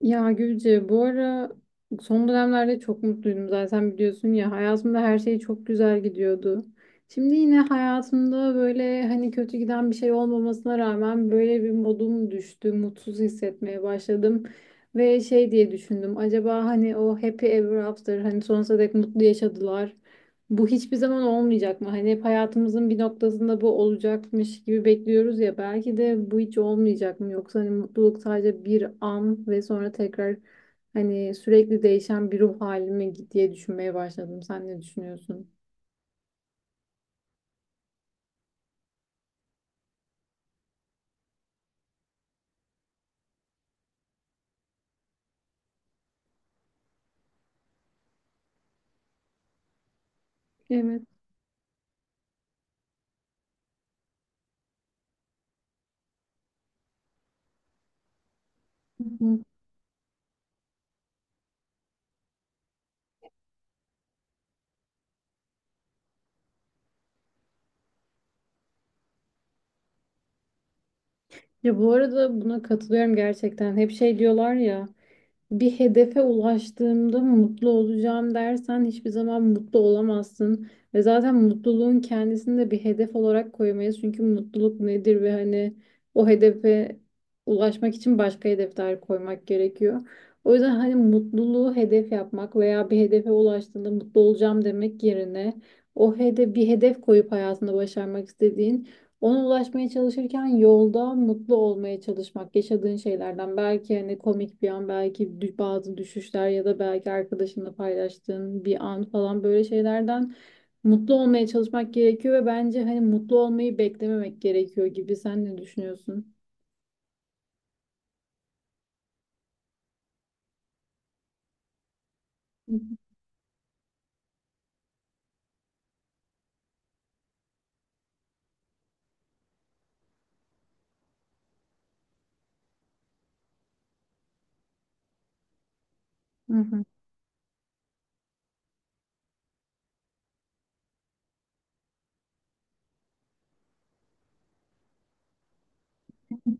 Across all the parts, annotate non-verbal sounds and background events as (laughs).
Ya Gülce, bu ara son dönemlerde çok mutluydum, zaten biliyorsun ya, hayatımda her şey çok güzel gidiyordu. Şimdi yine hayatımda böyle hani kötü giden bir şey olmamasına rağmen böyle bir modum düştü, mutsuz hissetmeye başladım. Ve şey diye düşündüm, acaba hani o happy ever after, hani sonsuza dek mutlu yaşadılar. Bu hiçbir zaman olmayacak mı? Hani hep hayatımızın bir noktasında bu olacakmış gibi bekliyoruz ya. Belki de bu hiç olmayacak mı? Yoksa hani mutluluk sadece bir an ve sonra tekrar hani sürekli değişen bir ruh halime mi diye düşünmeye başladım. Sen ne düşünüyorsun? Evet. Hı hı. Ya bu arada buna katılıyorum gerçekten. Hep şey diyorlar ya. Bir hedefe ulaştığımda mutlu olacağım dersen hiçbir zaman mutlu olamazsın. Ve zaten mutluluğun kendisini de bir hedef olarak koyamayız. Çünkü mutluluk nedir ve hani o hedefe ulaşmak için başka hedefler koymak gerekiyor. O yüzden hani mutluluğu hedef yapmak veya bir hedefe ulaştığında mutlu olacağım demek yerine o hede bir hedef koyup hayatında başarmak istediğin, ona ulaşmaya çalışırken yolda mutlu olmaya çalışmak, yaşadığın şeylerden, belki hani komik bir an, belki bazı düşüşler ya da belki arkadaşınla paylaştığın bir an falan, böyle şeylerden mutlu olmaya çalışmak gerekiyor ve bence hani mutlu olmayı beklememek gerekiyor gibi. Sen ne düşünüyorsun? Hı hı. Hı hı.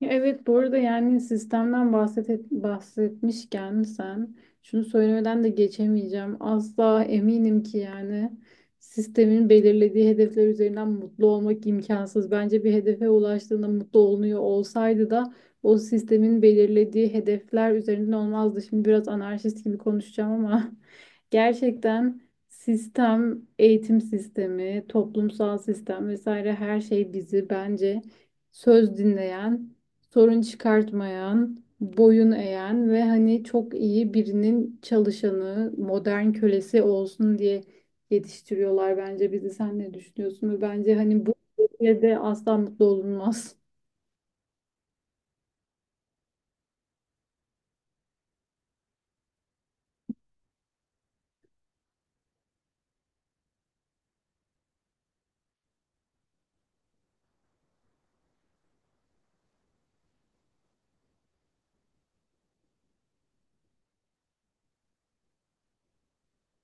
Ya evet, bu arada, yani sistemden bahsetmişken sen, şunu söylemeden de geçemeyeceğim. Asla, eminim ki yani sistemin belirlediği hedefler üzerinden mutlu olmak imkansız. Bence bir hedefe ulaştığında mutlu olunuyor olsaydı da o sistemin belirlediği hedefler üzerinden olmazdı. Şimdi biraz anarşist gibi konuşacağım ama (laughs) gerçekten sistem, eğitim sistemi, toplumsal sistem vesaire, her şey bizi bence söz dinleyen, sorun çıkartmayan, boyun eğen ve hani çok iyi birinin çalışanı, modern kölesi olsun diye yetiştiriyorlar bence bizi. Sen ne düşünüyorsun? Ve bence hani bu de asla mutlu olunmaz.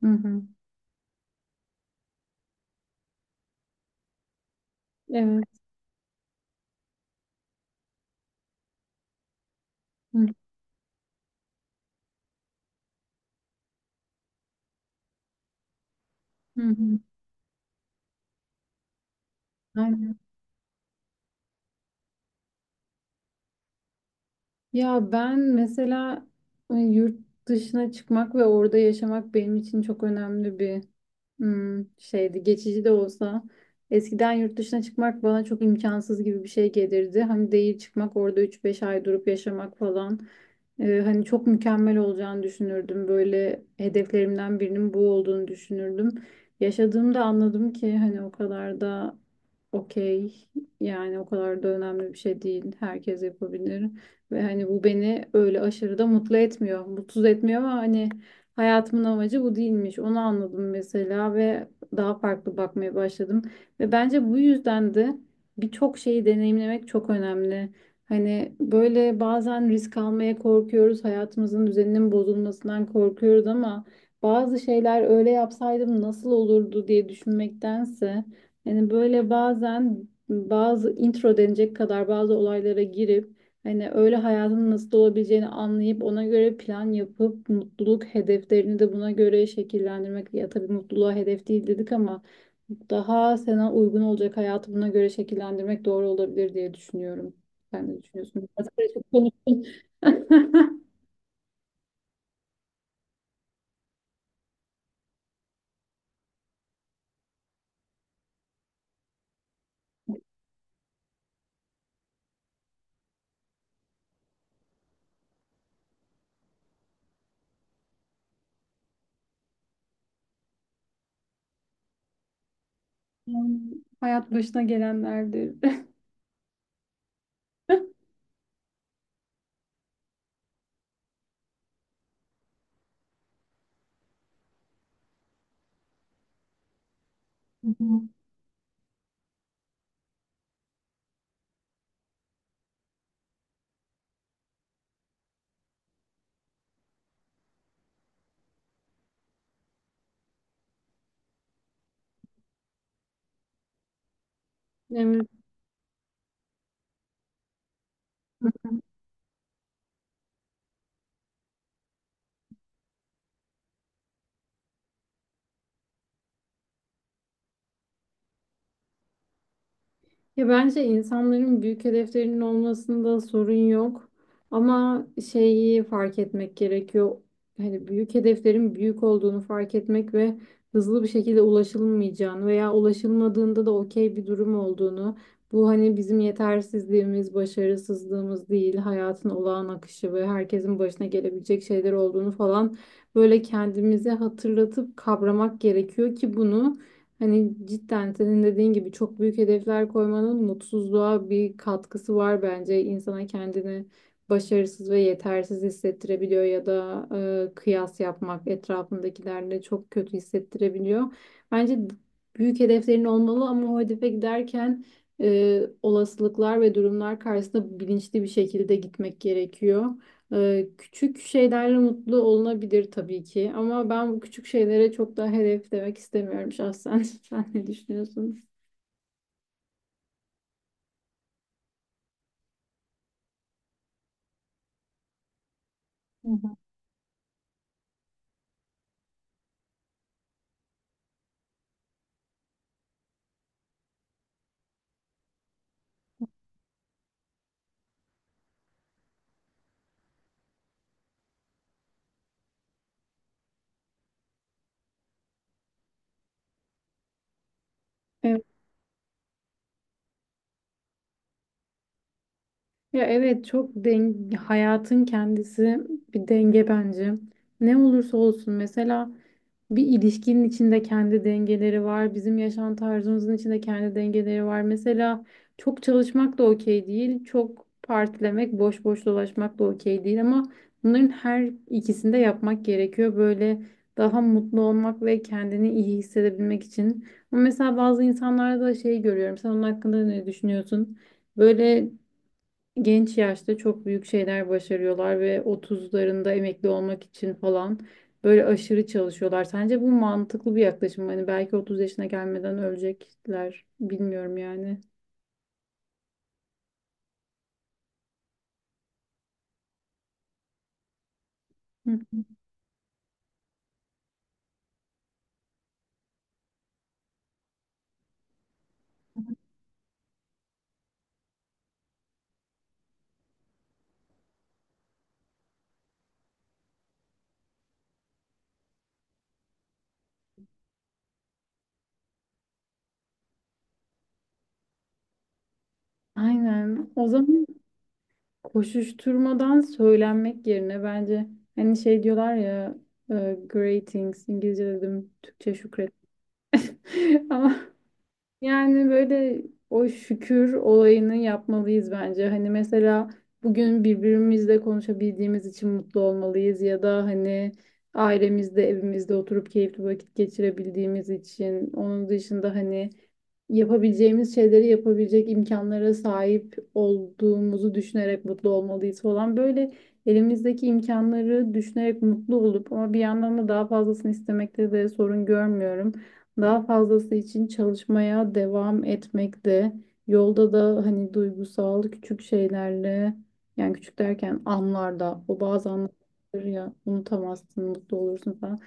Hı hı. Evet. Hı hı. Hı. Aynen. Ya ben mesela yurt dışına çıkmak ve orada yaşamak benim için çok önemli bir şeydi. Geçici de olsa. Eskiden yurt dışına çıkmak bana çok imkansız gibi bir şey gelirdi. Hani değil çıkmak, orada 3-5 ay durup yaşamak falan. Hani çok mükemmel olacağını düşünürdüm. Böyle hedeflerimden birinin bu olduğunu düşünürdüm. Yaşadığımda anladım ki hani o kadar da okey, yani o kadar da önemli bir şey değil. Herkes yapabilir. Ve hani bu beni öyle aşırı da mutlu etmiyor. Mutsuz etmiyor ama hani hayatımın amacı bu değilmiş. Onu anladım mesela ve daha farklı bakmaya başladım. Ve bence bu yüzden de birçok şeyi deneyimlemek çok önemli. Hani böyle bazen risk almaya korkuyoruz. Hayatımızın düzeninin bozulmasından korkuyoruz ama bazı şeyler, öyle yapsaydım nasıl olurdu diye düşünmektense, hani böyle bazen bazı intro denecek kadar bazı olaylara girip, hani öyle hayatın nasıl olabileceğini anlayıp, ona göre plan yapıp, mutluluk hedeflerini de buna göre şekillendirmek. Ya tabii mutluluğa hedef değil dedik ama daha sana uygun olacak hayatı buna göre şekillendirmek doğru olabilir diye düşünüyorum. Sen de düşünüyorsun. Biraz karışık konuştum. (laughs) Yani, hayat başına gelenlerdir. (laughs) Hı hı. Evet. Ya bence insanların büyük hedeflerinin olmasında sorun yok. Ama şeyi fark etmek gerekiyor. Hani büyük hedeflerin büyük olduğunu fark etmek ve hızlı bir şekilde ulaşılmayacağını veya ulaşılmadığında da okey bir durum olduğunu. Bu hani bizim yetersizliğimiz, başarısızlığımız değil, hayatın olağan akışı ve herkesin başına gelebilecek şeyler olduğunu falan böyle kendimize hatırlatıp kavramak gerekiyor ki bunu. Hani cidden senin dediğin gibi çok büyük hedefler koymanın mutsuzluğa bir katkısı var bence. İnsana kendini başarısız ve yetersiz hissettirebiliyor ya da kıyas yapmak, etrafındakilerle, çok kötü hissettirebiliyor. Bence büyük hedeflerin olmalı ama o hedefe giderken olasılıklar ve durumlar karşısında bilinçli bir şekilde gitmek gerekiyor. Küçük şeylerle mutlu olunabilir tabii ki ama ben bu küçük şeylere çok da hedef demek istemiyorum şahsen. (laughs) Sen ne düşünüyorsun? Hı hı. Evet. Ya evet, çok den hayatın kendisi bir denge bence. Ne olursa olsun, mesela bir ilişkinin içinde kendi dengeleri var. Bizim yaşam tarzımızın içinde kendi dengeleri var. Mesela çok çalışmak da okey değil. Çok partilemek, boş boş dolaşmak da okey değil. Ama bunların her ikisini de yapmak gerekiyor. Böyle daha mutlu olmak ve kendini iyi hissedebilmek için. Ama mesela bazı insanlarda da şey görüyorum. Sen onun hakkında ne düşünüyorsun? Böyle genç yaşta çok büyük şeyler başarıyorlar ve 30'larında emekli olmak için falan böyle aşırı çalışıyorlar. Sence bu mantıklı bir yaklaşım mı? Hani belki 30 yaşına gelmeden ölecekler. Bilmiyorum yani. Hı hı. Aynen. O zaman, koşuşturmadan söylenmek yerine, bence hani şey diyorlar ya, greetings. İngilizce dedim, Türkçe şükret. (laughs) Ama, yani böyle o şükür olayını yapmalıyız bence. Hani mesela bugün birbirimizle konuşabildiğimiz için mutlu olmalıyız ya da hani ailemizde, evimizde oturup keyifli vakit geçirebildiğimiz için. Onun dışında hani yapabileceğimiz şeyleri yapabilecek imkanlara sahip olduğumuzu düşünerek mutlu olmalıyız falan. Böyle elimizdeki imkanları düşünerek mutlu olup ama bir yandan da daha fazlasını istemekte de sorun görmüyorum. Daha fazlası için çalışmaya devam etmekte. Yolda da hani duygusal küçük şeylerle, yani küçük derken anlarda, o bazı anlar ya, unutamazsın, mutlu olursun falan.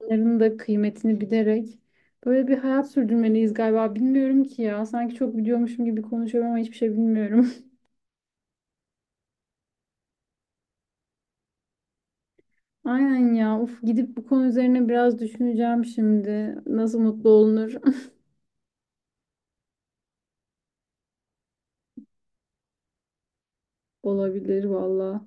Onların da kıymetini bilerek böyle bir hayat sürdürmeliyiz galiba. Bilmiyorum ki ya. Sanki çok biliyormuşum gibi konuşuyorum ama hiçbir şey bilmiyorum. (laughs) Aynen ya. Uf, gidip bu konu üzerine biraz düşüneceğim şimdi. Nasıl mutlu olunur? (laughs) Olabilir valla.